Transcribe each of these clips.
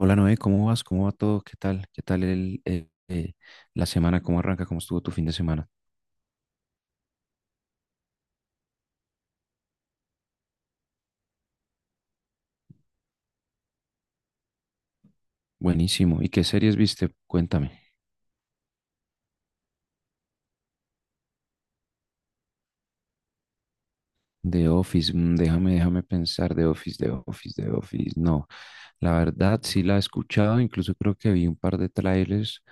Hola Noé, ¿cómo vas? ¿Cómo va todo? ¿Qué tal? ¿Qué tal la semana? ¿Cómo arranca? ¿Cómo estuvo tu fin de semana? Buenísimo. ¿Y qué series viste? Cuéntame. The Office, mm, déjame pensar. The Office, The Office, The Office. No, la verdad sí la he escuchado, incluso creo que vi un par de trailers,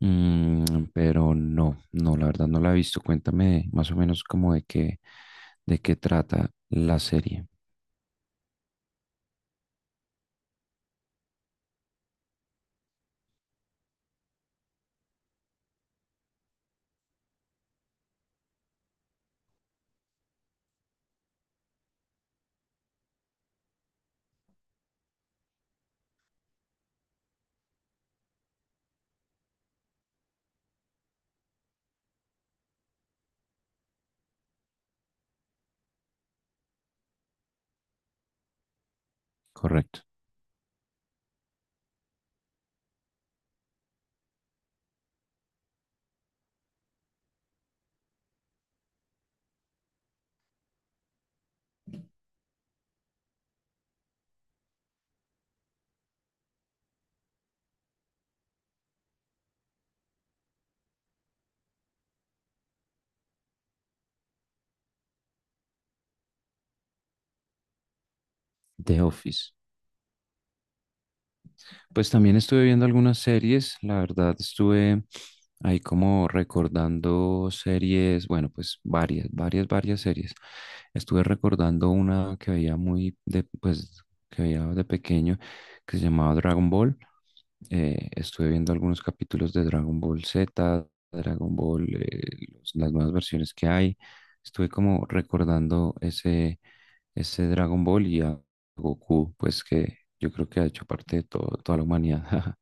mm, pero no, no, la verdad no la he visto. Cuéntame más o menos como de qué trata la serie. Correcto. The Office. Pues también estuve viendo algunas series, la verdad estuve ahí como recordando series, bueno, pues varias series. Estuve recordando una que veía que veía de pequeño que se llamaba Dragon Ball. Estuve viendo algunos capítulos de Dragon Ball Z, Dragon Ball, eh, los- las nuevas versiones que hay. Estuve como recordando ese Dragon Ball y Goku, pues que yo creo que ha hecho parte de todo- toda la humanidad.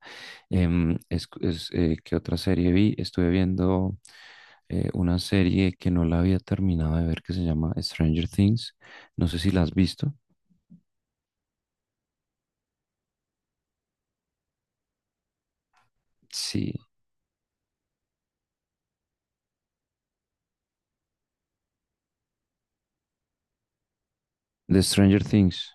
¿Qué otra serie vi? Estuve viendo una serie que no la había terminado de ver que se llama Stranger Things. No sé si la has visto. Sí, de Stranger Things.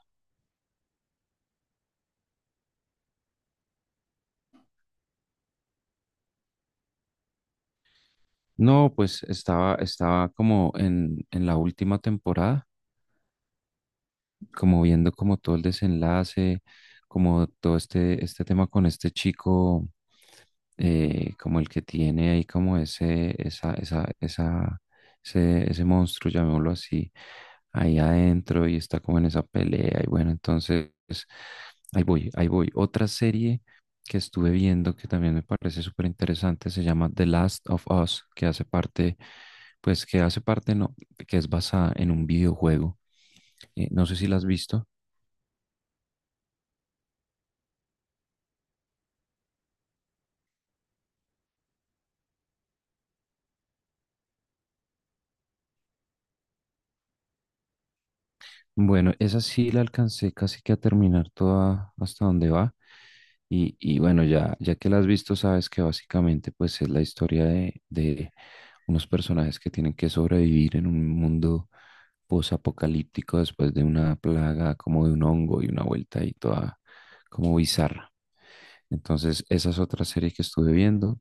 No, pues estaba como en la última temporada, como viendo como todo el desenlace, como todo este tema con este chico, como el que tiene ahí como ese, esa, ese monstruo, llamémoslo así, ahí adentro y está como en esa pelea. Y bueno, entonces, ahí voy. Otra serie que estuve viendo que también me parece súper interesante se llama The Last of Us, que hace parte, no, que es basada en un videojuego. No sé si la has visto. Bueno, esa sí la alcancé casi que a terminar toda hasta donde va. Y bueno, ya que la has visto, sabes que básicamente pues es la historia de unos personajes que tienen que sobrevivir en un mundo posapocalíptico después de una plaga como de un hongo y una vuelta ahí toda como bizarra. Entonces, esa es otra serie que estuve viendo.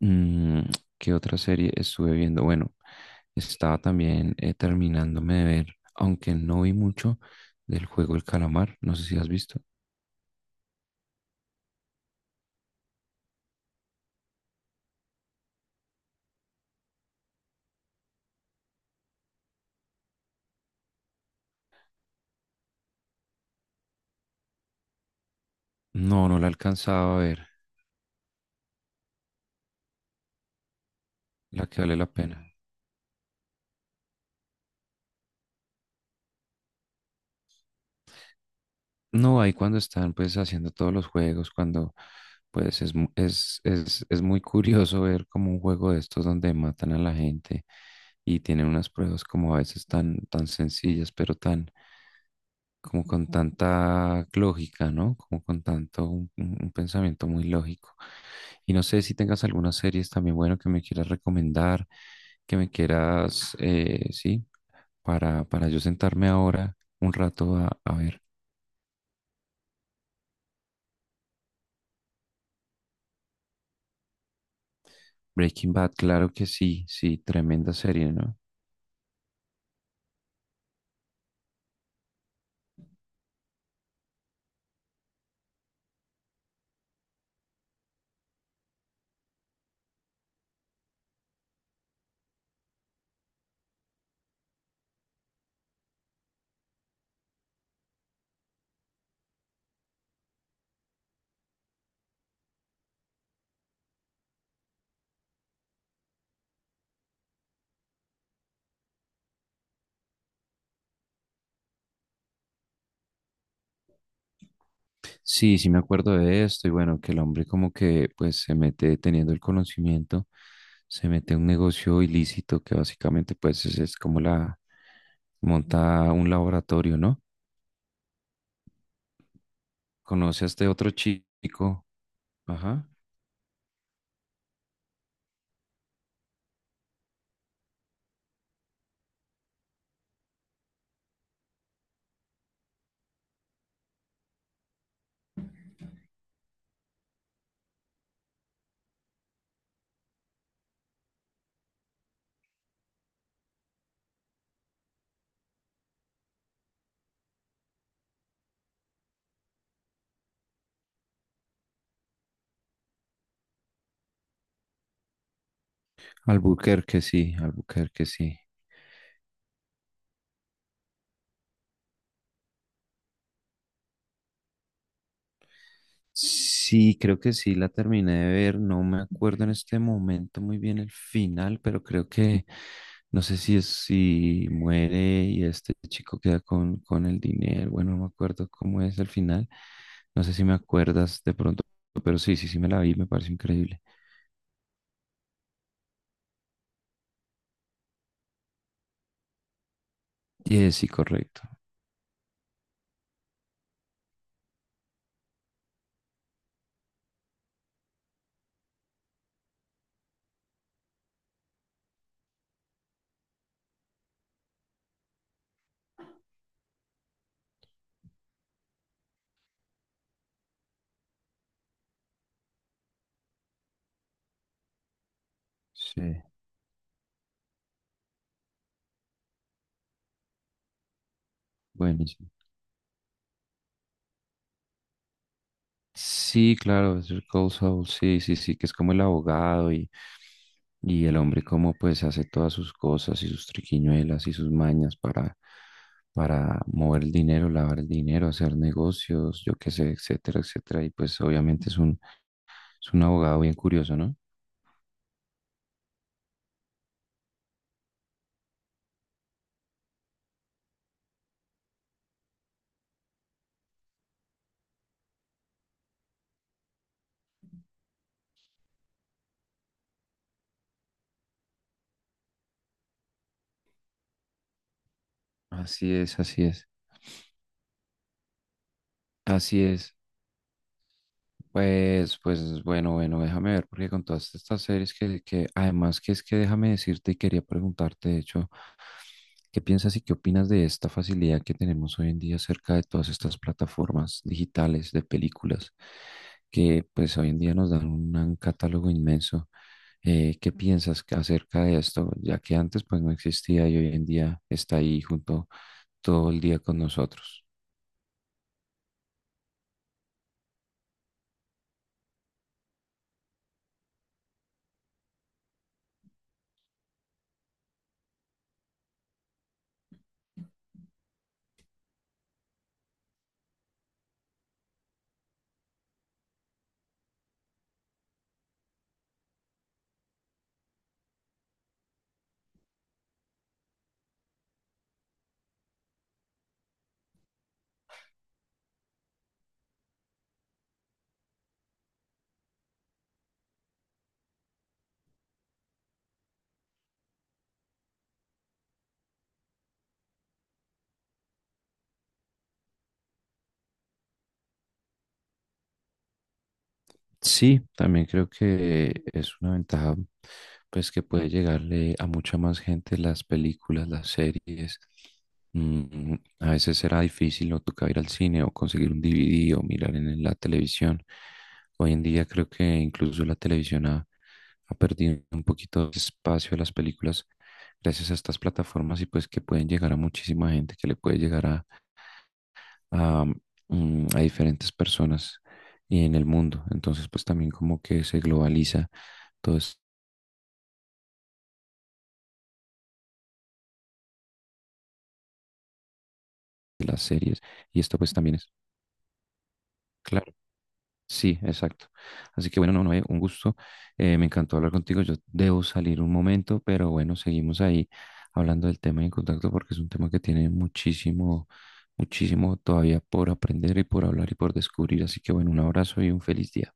Mm, ¿Qué otra serie estuve viendo? Bueno, estaba también terminándome de ver, aunque no vi mucho, del juego El Calamar, no sé si has visto. No, no la alcanzaba a ver, la que vale la pena. No, ahí cuando están pues haciendo todos los juegos, cuando pues es, mu- es muy curioso ver como un juego de estos donde matan a la gente y tienen unas pruebas como a veces tan sencillas, pero tan como con tanta lógica, ¿no? Como con tanto un pensamiento muy lógico. Y no sé si tengas algunas series también, bueno, que me quieras recomendar, que me quieras, sí, para yo sentarme ahora un rato a ver. Breaking Bad, claro que sí, sí, tremenda serie, ¿no? Sí, sí me acuerdo de esto y bueno, que el hombre como que pues se mete teniendo el conocimiento, se mete a un negocio ilícito que básicamente pues es como la monta un laboratorio, ¿no? Conoce a este otro chico, ajá, Albuquerque, sí, Albuquerque, sí. Sí, creo que sí la terminé de ver. No me acuerdo en este momento muy bien el final, pero creo que no sé si es si muere y este chico queda con el dinero. Bueno, no me acuerdo cómo es el final. No sé si me acuerdas de pronto, pero sí, sí, sí me la vi, me pareció increíble. Sí, sí, correcto. Sí, bueno. Sí, claro, es el Cold Soul, sí, sí, sí, que es como el abogado y el hombre como pues hace todas sus cosas y sus triquiñuelas y sus mañas para mover el dinero, lavar el dinero, hacer negocios, yo qué sé, etcétera, etcétera. Y pues obviamente es un abogado bien curioso, ¿no? Así es, así es, así es. Bueno, déjame ver, porque con todas estas series que además que es que déjame decirte y quería preguntarte, de hecho, ¿qué piensas y qué opinas de esta facilidad que tenemos hoy en día acerca de todas estas plataformas digitales de películas que pues hoy en día nos dan un catálogo inmenso? ¿Qué piensas que- acerca de esto? Ya que antes pues no existía y hoy en día está ahí junto todo el día con nosotros. Sí, también creo que es una ventaja, pues que puede llegarle a mucha más gente las películas, las series. Mm, a veces será difícil no toca ir al cine o conseguir un DVD o mirar en la televisión. Hoy en día creo que incluso la televisión ha perdido un poquito de espacio a las películas gracias a estas plataformas y pues que pueden llegar a muchísima gente, que le puede llegar a, a diferentes personas y en el mundo. Entonces, pues también como que se globaliza todas las series. Y esto pues también es, claro, sí, exacto. Así que bueno, no, no, un gusto. Me encantó hablar contigo. Yo debo salir un momento, pero bueno, seguimos ahí hablando del tema y en contacto porque es un tema que tiene muchísimo, muchísimo todavía por aprender y por hablar y por descubrir. Así que bueno, un abrazo y un feliz día.